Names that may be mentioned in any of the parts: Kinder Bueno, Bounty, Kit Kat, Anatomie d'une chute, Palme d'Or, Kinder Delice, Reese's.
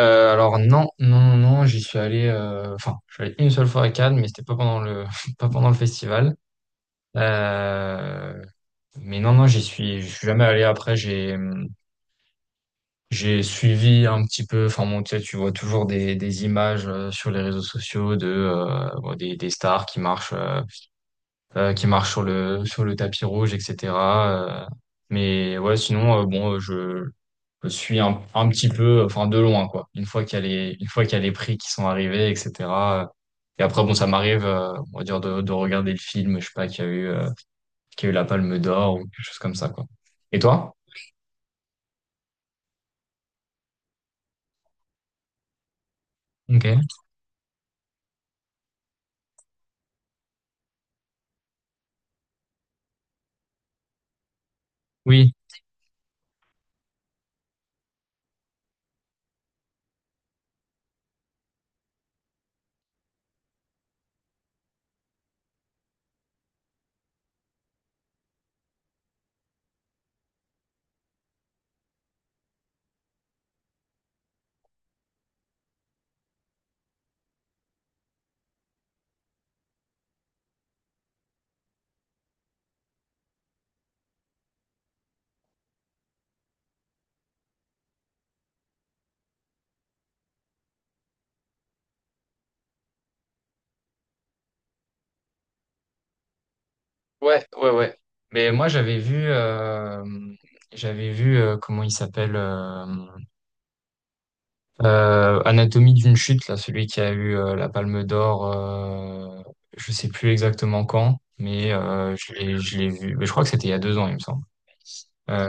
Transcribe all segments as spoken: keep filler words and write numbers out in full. Euh, alors non, non, non, non, j'y suis allé, euh, enfin, je suis allé une seule fois à Cannes, mais c'était pas pendant le, pas pendant le festival. Euh, mais non, non, j'y suis, je suis jamais allé. Après, j'ai, hum, j'ai suivi un petit peu, enfin, bon, tu sais, tu vois toujours des, des images euh, sur les réseaux sociaux de, euh, bon, des, des stars qui marchent. euh, euh, qui marche sur le sur le tapis rouge, et cetera euh, mais ouais, sinon euh, bon, euh, je, je suis un, un petit peu, enfin de loin quoi. Une fois qu'il y a les une fois qu'il y a les prix qui sont arrivés, et cetera euh, et après bon, ça m'arrive, euh, on va dire de, de regarder le film, je sais pas, qui a eu euh, qui a eu la Palme d'Or ou quelque chose comme ça quoi. Et toi? Ok. Oui. Ouais, ouais, ouais. Mais moi j'avais vu euh, j'avais vu euh, comment il s'appelle. euh, Euh, Anatomie d'une chute, là, celui qui a eu euh, la Palme d'Or, euh, je sais plus exactement quand, mais euh, je l'ai, je l'ai vu. Mais je crois que c'était il y a deux ans, il me semble. Euh,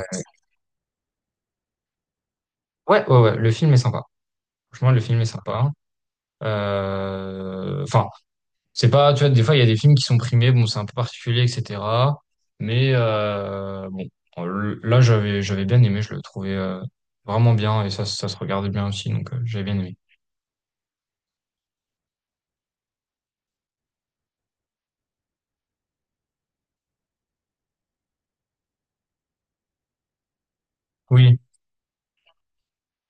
ouais, ouais, ouais, le film est sympa. Franchement, le film est sympa. Euh, Enfin, c'est pas, tu vois, des fois, il y a des films qui sont primés, bon, c'est un peu particulier, et cetera. Mais euh, bon, là, j'avais, j'avais bien aimé, je le trouvais euh, vraiment bien et ça, ça se regarde bien aussi, donc euh, j'avais bien aimé. Oui,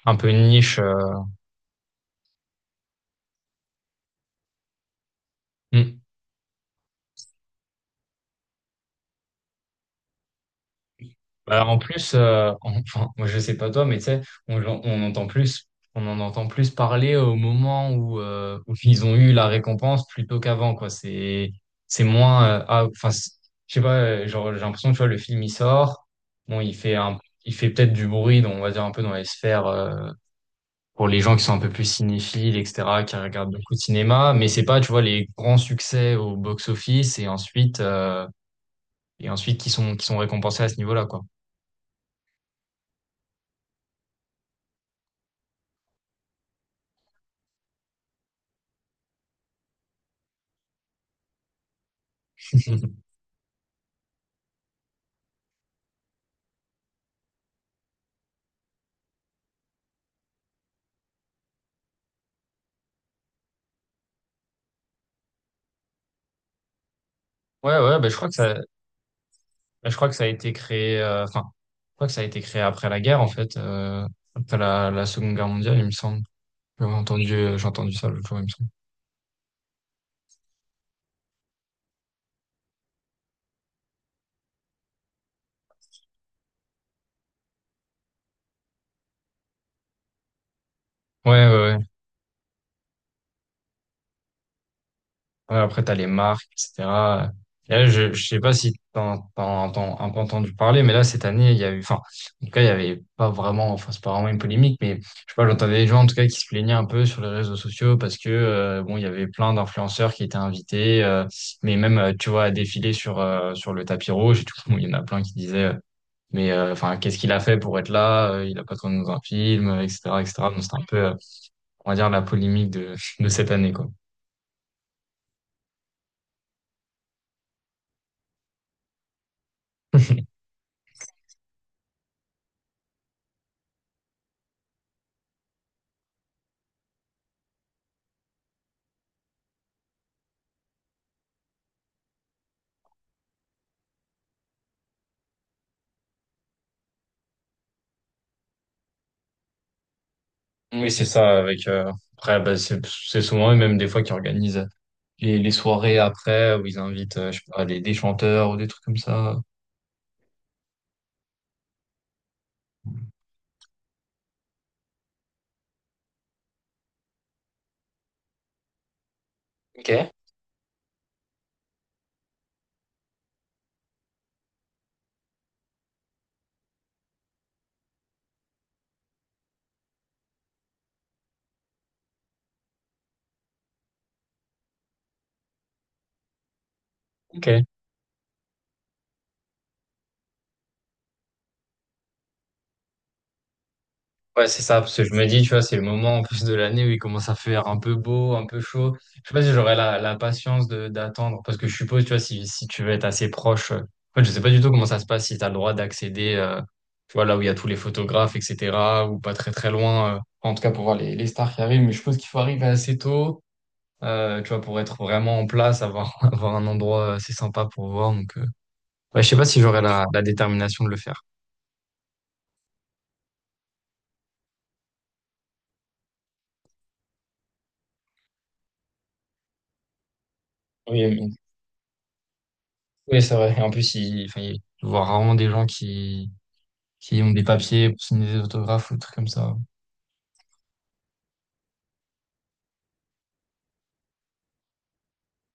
un peu une niche. euh, hmm. Bah, en plus, euh, en- enfin, moi je sais pas toi, mais tu sais, on, on entend plus, on en entend plus parler au moment où, euh, où ils ont eu la récompense plutôt qu'avant, quoi. C'est, c'est moins, euh, ah, enfin, c'est- je sais pas, euh, genre j'ai l'impression, tu vois, le film il sort, bon, il fait un, il fait peut-être du bruit, donc on va dire un peu dans les sphères euh, pour les gens qui sont un peu plus cinéphiles, et cetera, qui regardent beaucoup de cinéma, mais c'est pas, tu vois, les grands succès au box-office et ensuite, euh, et ensuite qui sont, qui sont récompensés à ce niveau-là, quoi. Ouais, ouais, ben je crois que ça, ben, je crois que ça a été créé, euh, enfin, je crois que ça a été créé après la guerre, en fait, euh, après la, la Seconde Guerre mondiale, il me semble. J'ai entendu, euh, j'ai entendu ça l'autre jour, il me semble. Ouais, ouais, ouais. Ouais, après, t'as les marques, et cetera. Et là, je, je sais pas si t'en, t'en, t'en- un peu entendu parler, mais là, cette année, il y a eu, enfin, en tout cas, il y avait pas vraiment, enfin, c'est pas vraiment une polémique, mais je sais pas, j'entendais des gens, en tout cas, qui se plaignaient un peu sur les réseaux sociaux parce que, euh, bon, il y avait plein d'influenceurs qui étaient invités, euh, mais même, euh, tu vois, à défiler sur, euh, sur le tapis rouge et tout. Bon, il y en a plein qui disaient, euh, mais, euh, enfin, qu'est-ce qu'il a fait pour être là? Euh, Il a pas tourné dans un film, euh, et cetera, et cetera. Donc, c'était un peu, euh, on va dire, la polémique de, de cette année, quoi. Oui, c'est ça, avec euh, après bah, c'est c'est souvent eux même des fois qui organisent les, les soirées après où ils invitent euh, je sais pas, des, des chanteurs ou des trucs comme ça. Ok. Ok. Ouais, c'est ça, parce que je me dis, tu vois, c'est le moment en plus de l'année où il commence à faire un peu beau, un peu chaud. Je sais pas si j'aurais la, la patience de d'attendre, parce que je suppose, tu vois, si, si tu veux être assez proche, euh, en fait, je sais pas du tout comment ça se passe, si tu as le droit d'accéder, euh, tu vois, là où il y a tous les photographes, et cetera, ou pas très très loin, euh, enfin, en tout cas pour voir les, les stars qui arrivent, mais je suppose qu'il faut arriver assez tôt. Euh, tu vois, pour être vraiment en place, avoir, avoir un endroit assez sympa pour voir. Donc, euh, ouais, je sais pas si j'aurais la, la détermination de le faire. Oui, mais- oui, c'est vrai. Et en plus, il, enfin, il- je vois rarement des gens qui, qui ont des papiers pour signer des autographes ou des trucs comme ça.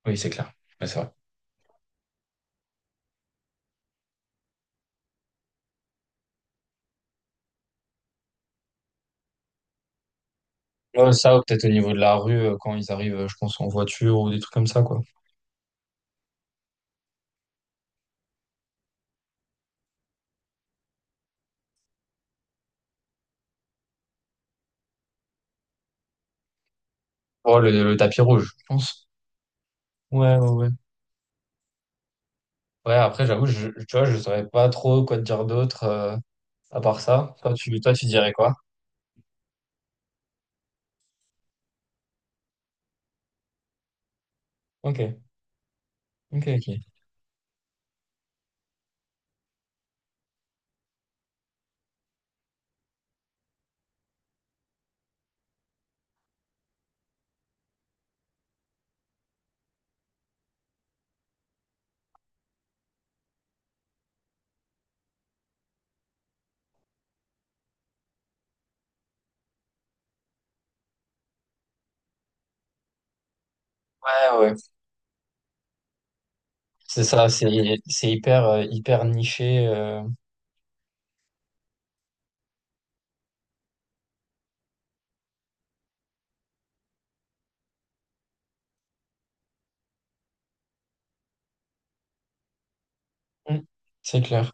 Oui, c'est clair. Ouais, c'est vrai. Ouais, ça, ou peut-être au niveau de la rue, euh, quand ils arrivent, euh, je pense, en voiture ou des trucs comme ça, quoi. Oh, le, le tapis rouge, je pense. Ouais, ouais, ouais. Ouais, après, j'avoue, je, je- tu vois, je saurais pas trop quoi te dire d'autre, euh, à part ça. Toi, tu, toi, tu dirais quoi? Ok, ok, ok. Ouais, ouais. C'est ça, c'est c'est hyper, euh, hyper niché. euh. Mm, c'est clair.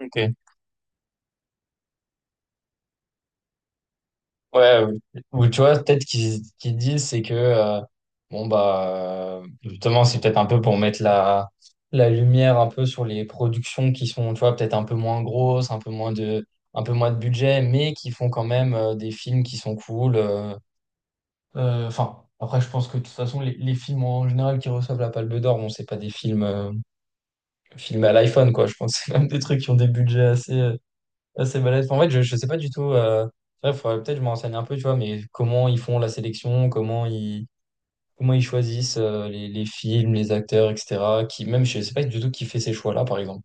Ok. Ouais, ou, ou tu vois, peut-être qu'ils qu'ils disent, c'est que, euh, bon, bah, euh, justement, c'est peut-être un peu pour mettre la, la lumière un peu sur les productions qui sont, tu vois, peut-être un peu moins grosses, un peu moins de, un peu moins de budget, mais qui font quand même euh, des films qui sont cool. euh. Euh, Enfin, après, je pense que de toute façon, les, les films en général qui reçoivent la Palme d'Or, bon, c'est pas des films. euh, filmé à l'iPhone, quoi. Je pense que c'est même des trucs qui ont des budgets assez, euh, assez balèzes. En fait, je, je sais pas du tout. Euh... ouais, faudrait peut-être que je me renseigne un peu, tu vois, mais comment ils font la sélection, comment ils, comment ils choisissent euh, les, les films, les acteurs, et cetera. Qui, même, je sais pas du tout qui fait ces choix-là, par exemple.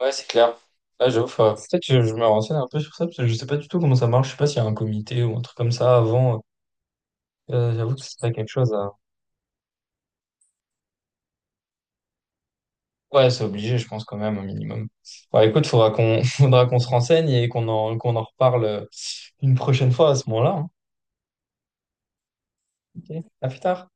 Ouais, c'est clair. Là, j'avoue, faudrait- peut-être que je, je me renseigne un peu sur ça, parce que je sais pas du tout comment ça marche. Je sais pas s'il y a un comité ou un truc comme ça avant. Euh, j'avoue que c'est pas quelque chose. Ouais, c'est obligé, je pense quand même, au minimum. Bah, écoute, faudra qu'on faudra qu'on se renseigne et qu'on en qu'on en reparle euh, une prochaine fois à ce moment-là, hein. Ok. À plus tard.